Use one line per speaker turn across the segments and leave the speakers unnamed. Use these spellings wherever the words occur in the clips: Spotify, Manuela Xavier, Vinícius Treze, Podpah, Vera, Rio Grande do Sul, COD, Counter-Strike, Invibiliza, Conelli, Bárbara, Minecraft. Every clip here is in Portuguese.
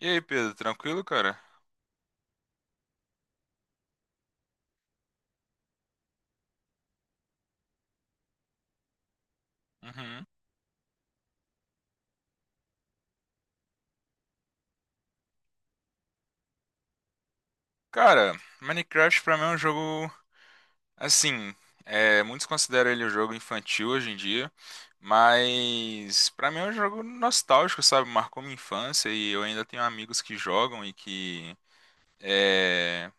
E aí, Pedro, tranquilo, cara? Uhum. Cara, Minecraft pra mim é um jogo, assim, muitos consideram ele um jogo infantil hoje em dia, mas pra mim é um jogo nostálgico, sabe? Marcou minha infância e eu ainda tenho amigos que jogam e que, é,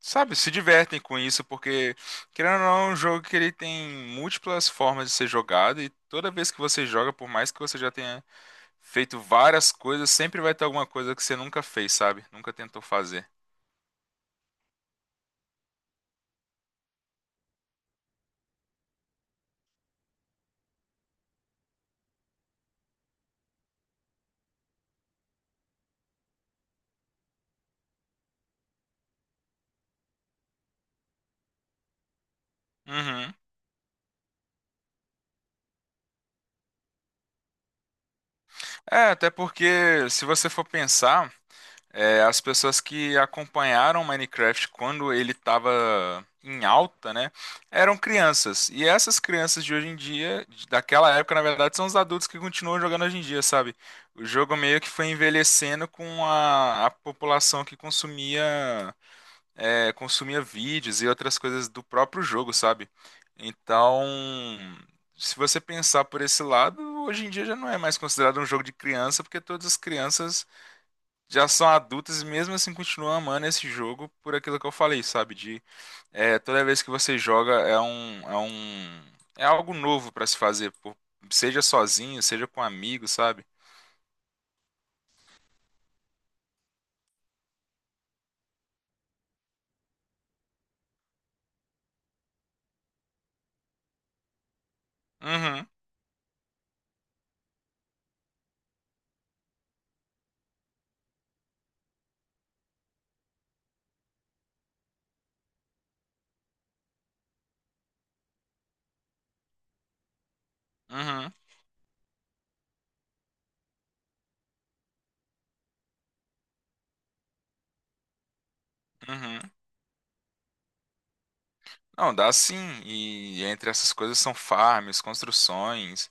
se divertem com isso, porque, querendo ou não, é um jogo que ele tem múltiplas formas de ser jogado e toda vez que você joga, por mais que você já tenha feito várias coisas, sempre vai ter alguma coisa que você nunca fez, sabe? Nunca tentou fazer. Uhum. É, até porque se você for pensar, as pessoas que acompanharam Minecraft quando ele estava em alta, né, eram crianças. E essas crianças de hoje em dia, daquela época, na verdade, são os adultos que continuam jogando hoje em dia, sabe? O jogo meio que foi envelhecendo com a população que consumia vídeos e outras coisas do próprio jogo, sabe? Então, se você pensar por esse lado, hoje em dia já não é mais considerado um jogo de criança, porque todas as crianças já são adultas e mesmo assim continuam amando esse jogo por aquilo que eu falei, sabe? Toda vez que você joga é algo novo pra se fazer, pô. Seja sozinho, seja com amigos, sabe? Uhum. Uhum, uhum. Não, dá sim. E entre essas coisas são farms, construções,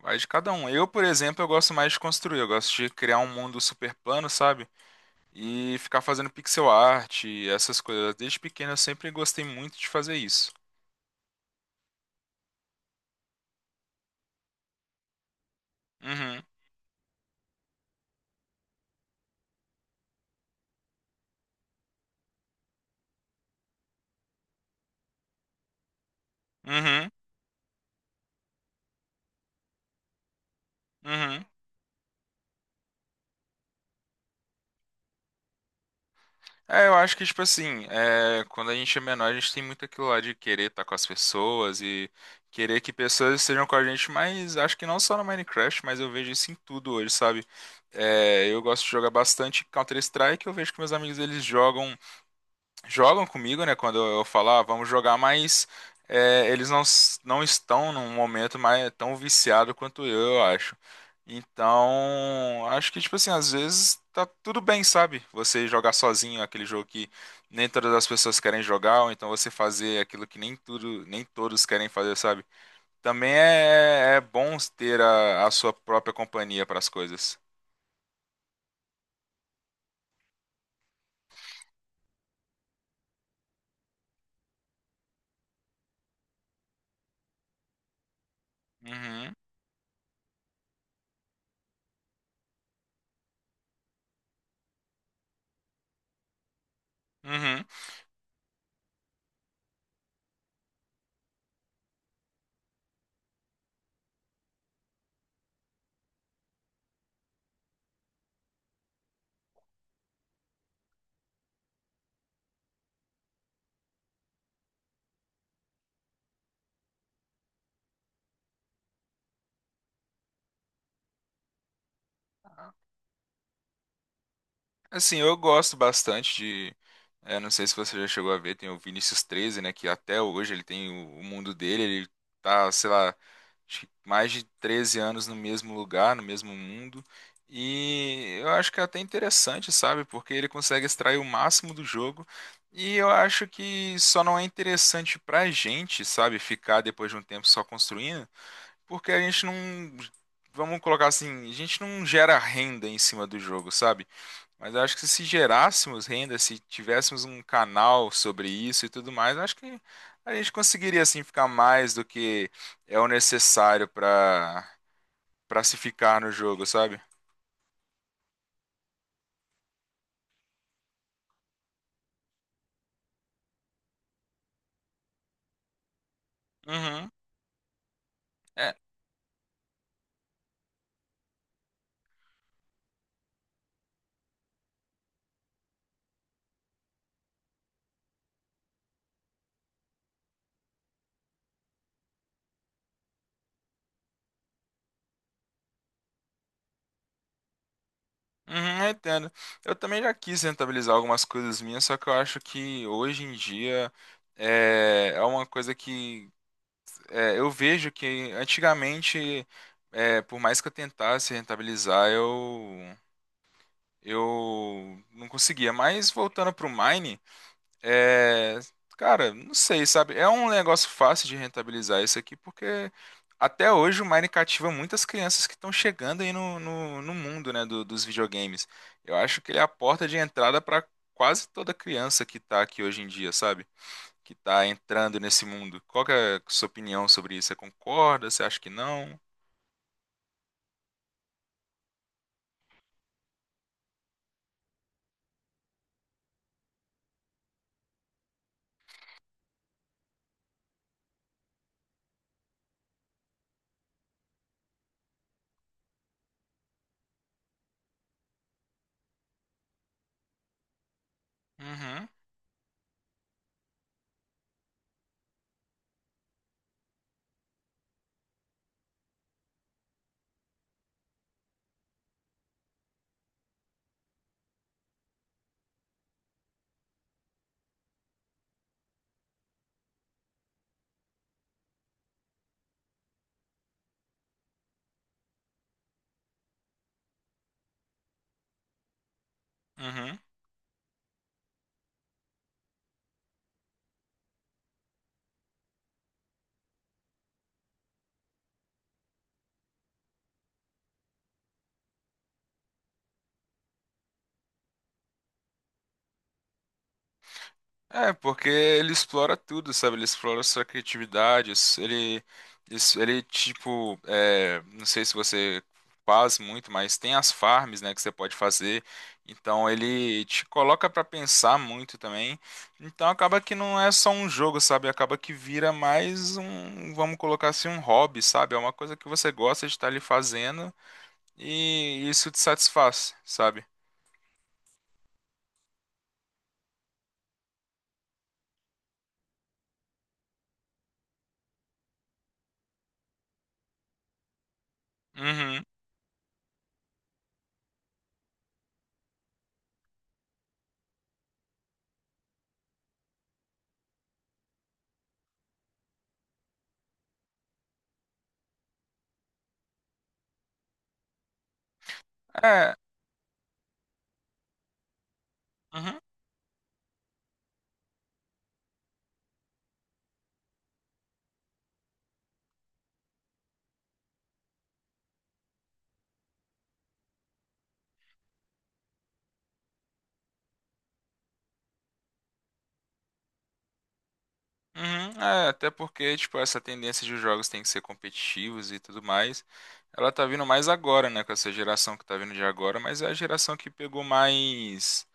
vai de cada um. Eu, por exemplo, eu gosto mais de construir. Eu gosto de criar um mundo super plano, sabe? E ficar fazendo pixel art, e essas coisas. Desde pequeno eu sempre gostei muito de fazer isso. Uhum, uhum, uhum. É, eu acho que, tipo assim, quando a gente é menor, a gente tem muito aquilo lá de querer estar com as pessoas e querer que pessoas estejam com a gente, mas acho que não só no Minecraft, mas eu vejo isso em tudo hoje, sabe? É, eu gosto de jogar bastante Counter-Strike, eu vejo que meus amigos eles jogam comigo, né? Quando eu falar, ah, vamos jogar, mas é, eles não estão num momento mais tão viciado quanto eu acho. Então, acho que, tipo assim, às vezes tá tudo bem, sabe? Você jogar sozinho aquele jogo que nem todas as pessoas querem jogar, ou então você fazer aquilo que nem tudo, nem todos querem fazer, sabe? Também é bom ter a sua própria companhia para as coisas. Uhum. Uhum. Assim, eu gosto bastante de. Não sei se você já chegou a ver, tem o Vinícius Treze, né? Que até hoje ele tem o mundo dele, ele tá, sei lá, acho que mais de 13 anos no mesmo lugar, no mesmo mundo. E eu acho que é até interessante, sabe? Porque ele consegue extrair o máximo do jogo. E eu acho que só não é interessante pra gente, sabe? Ficar depois de um tempo só construindo, porque a gente não. Vamos colocar assim, a gente não gera renda em cima do jogo, sabe? Mas eu acho que se gerássemos renda, se tivéssemos um canal sobre isso e tudo mais, eu acho que a gente conseguiria assim ficar mais do que o necessário para se ficar no jogo, sabe? Uhum. É. Uhum, eu entendo. Eu também já quis rentabilizar algumas coisas minhas, só que eu acho que hoje em dia é uma coisa que eu vejo que antigamente, por mais que eu tentasse rentabilizar, eu não conseguia. Mas voltando pro Mine, é, cara, não sei, sabe? É um negócio fácil de rentabilizar isso aqui, porque até hoje o Mine cativa muitas crianças que estão chegando aí no mundo, né, dos videogames. Eu acho que ele é a porta de entrada para quase toda criança que tá aqui hoje em dia, sabe? Que tá entrando nesse mundo. Qual que é a sua opinião sobre isso? Você concorda? Você acha que não? Uhum, uhum. É, porque ele explora tudo, sabe? Ele explora sua criatividade, ele tipo, é, não sei se você faz muito, mas tem as farms, né, que você pode fazer. Então ele te coloca pra pensar muito também. Então acaba que não é só um jogo, sabe? Acaba que vira mais um, vamos colocar assim, um hobby, sabe? É uma coisa que você gosta de estar ali fazendo e isso te satisfaz, sabe? Uhum. É. Uhum. Uhum, é, até porque, tipo, essa tendência de os jogos têm que ser competitivos e tudo mais, ela tá vindo mais agora, né, com essa geração que tá vindo de agora, mas é a geração que pegou mais,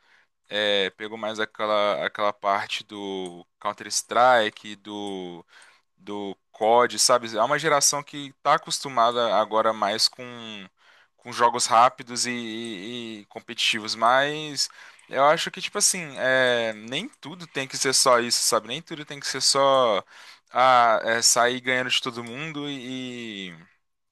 é, pegou mais aquela, aquela parte do Counter-Strike, do COD, sabe? É uma geração que está acostumada agora mais com jogos rápidos e competitivos, mas eu acho que, tipo assim, nem tudo tem que ser só isso, sabe? Nem tudo tem que ser só ah, é, sair ganhando de todo mundo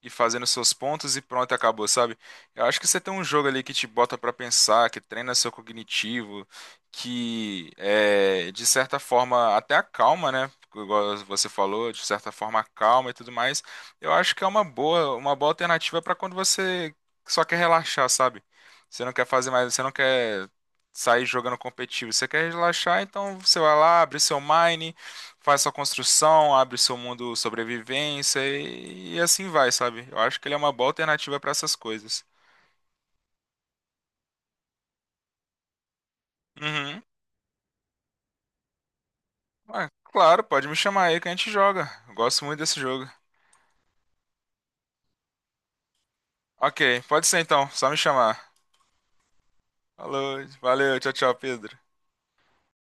e fazendo seus pontos e pronto, acabou, sabe? Eu acho que você tem um jogo ali que te bota pra pensar, que treina seu cognitivo, que é, de certa forma até acalma, né? Igual você falou, de certa forma calma e tudo mais, eu acho que é uma boa alternativa para quando você só quer relaxar, sabe? Você não quer fazer mais, você não quer sair jogando competitivo, você quer relaxar, então você vai lá, abre seu mine, faz sua construção, abre seu mundo sobrevivência e assim vai, sabe? Eu acho que ele é uma boa alternativa para essas coisas. Uhum. Ah, claro, pode me chamar aí que a gente joga. Eu gosto muito desse jogo. Ok, pode ser então, só me chamar. Falou, valeu, tchau, tchau, Pedro.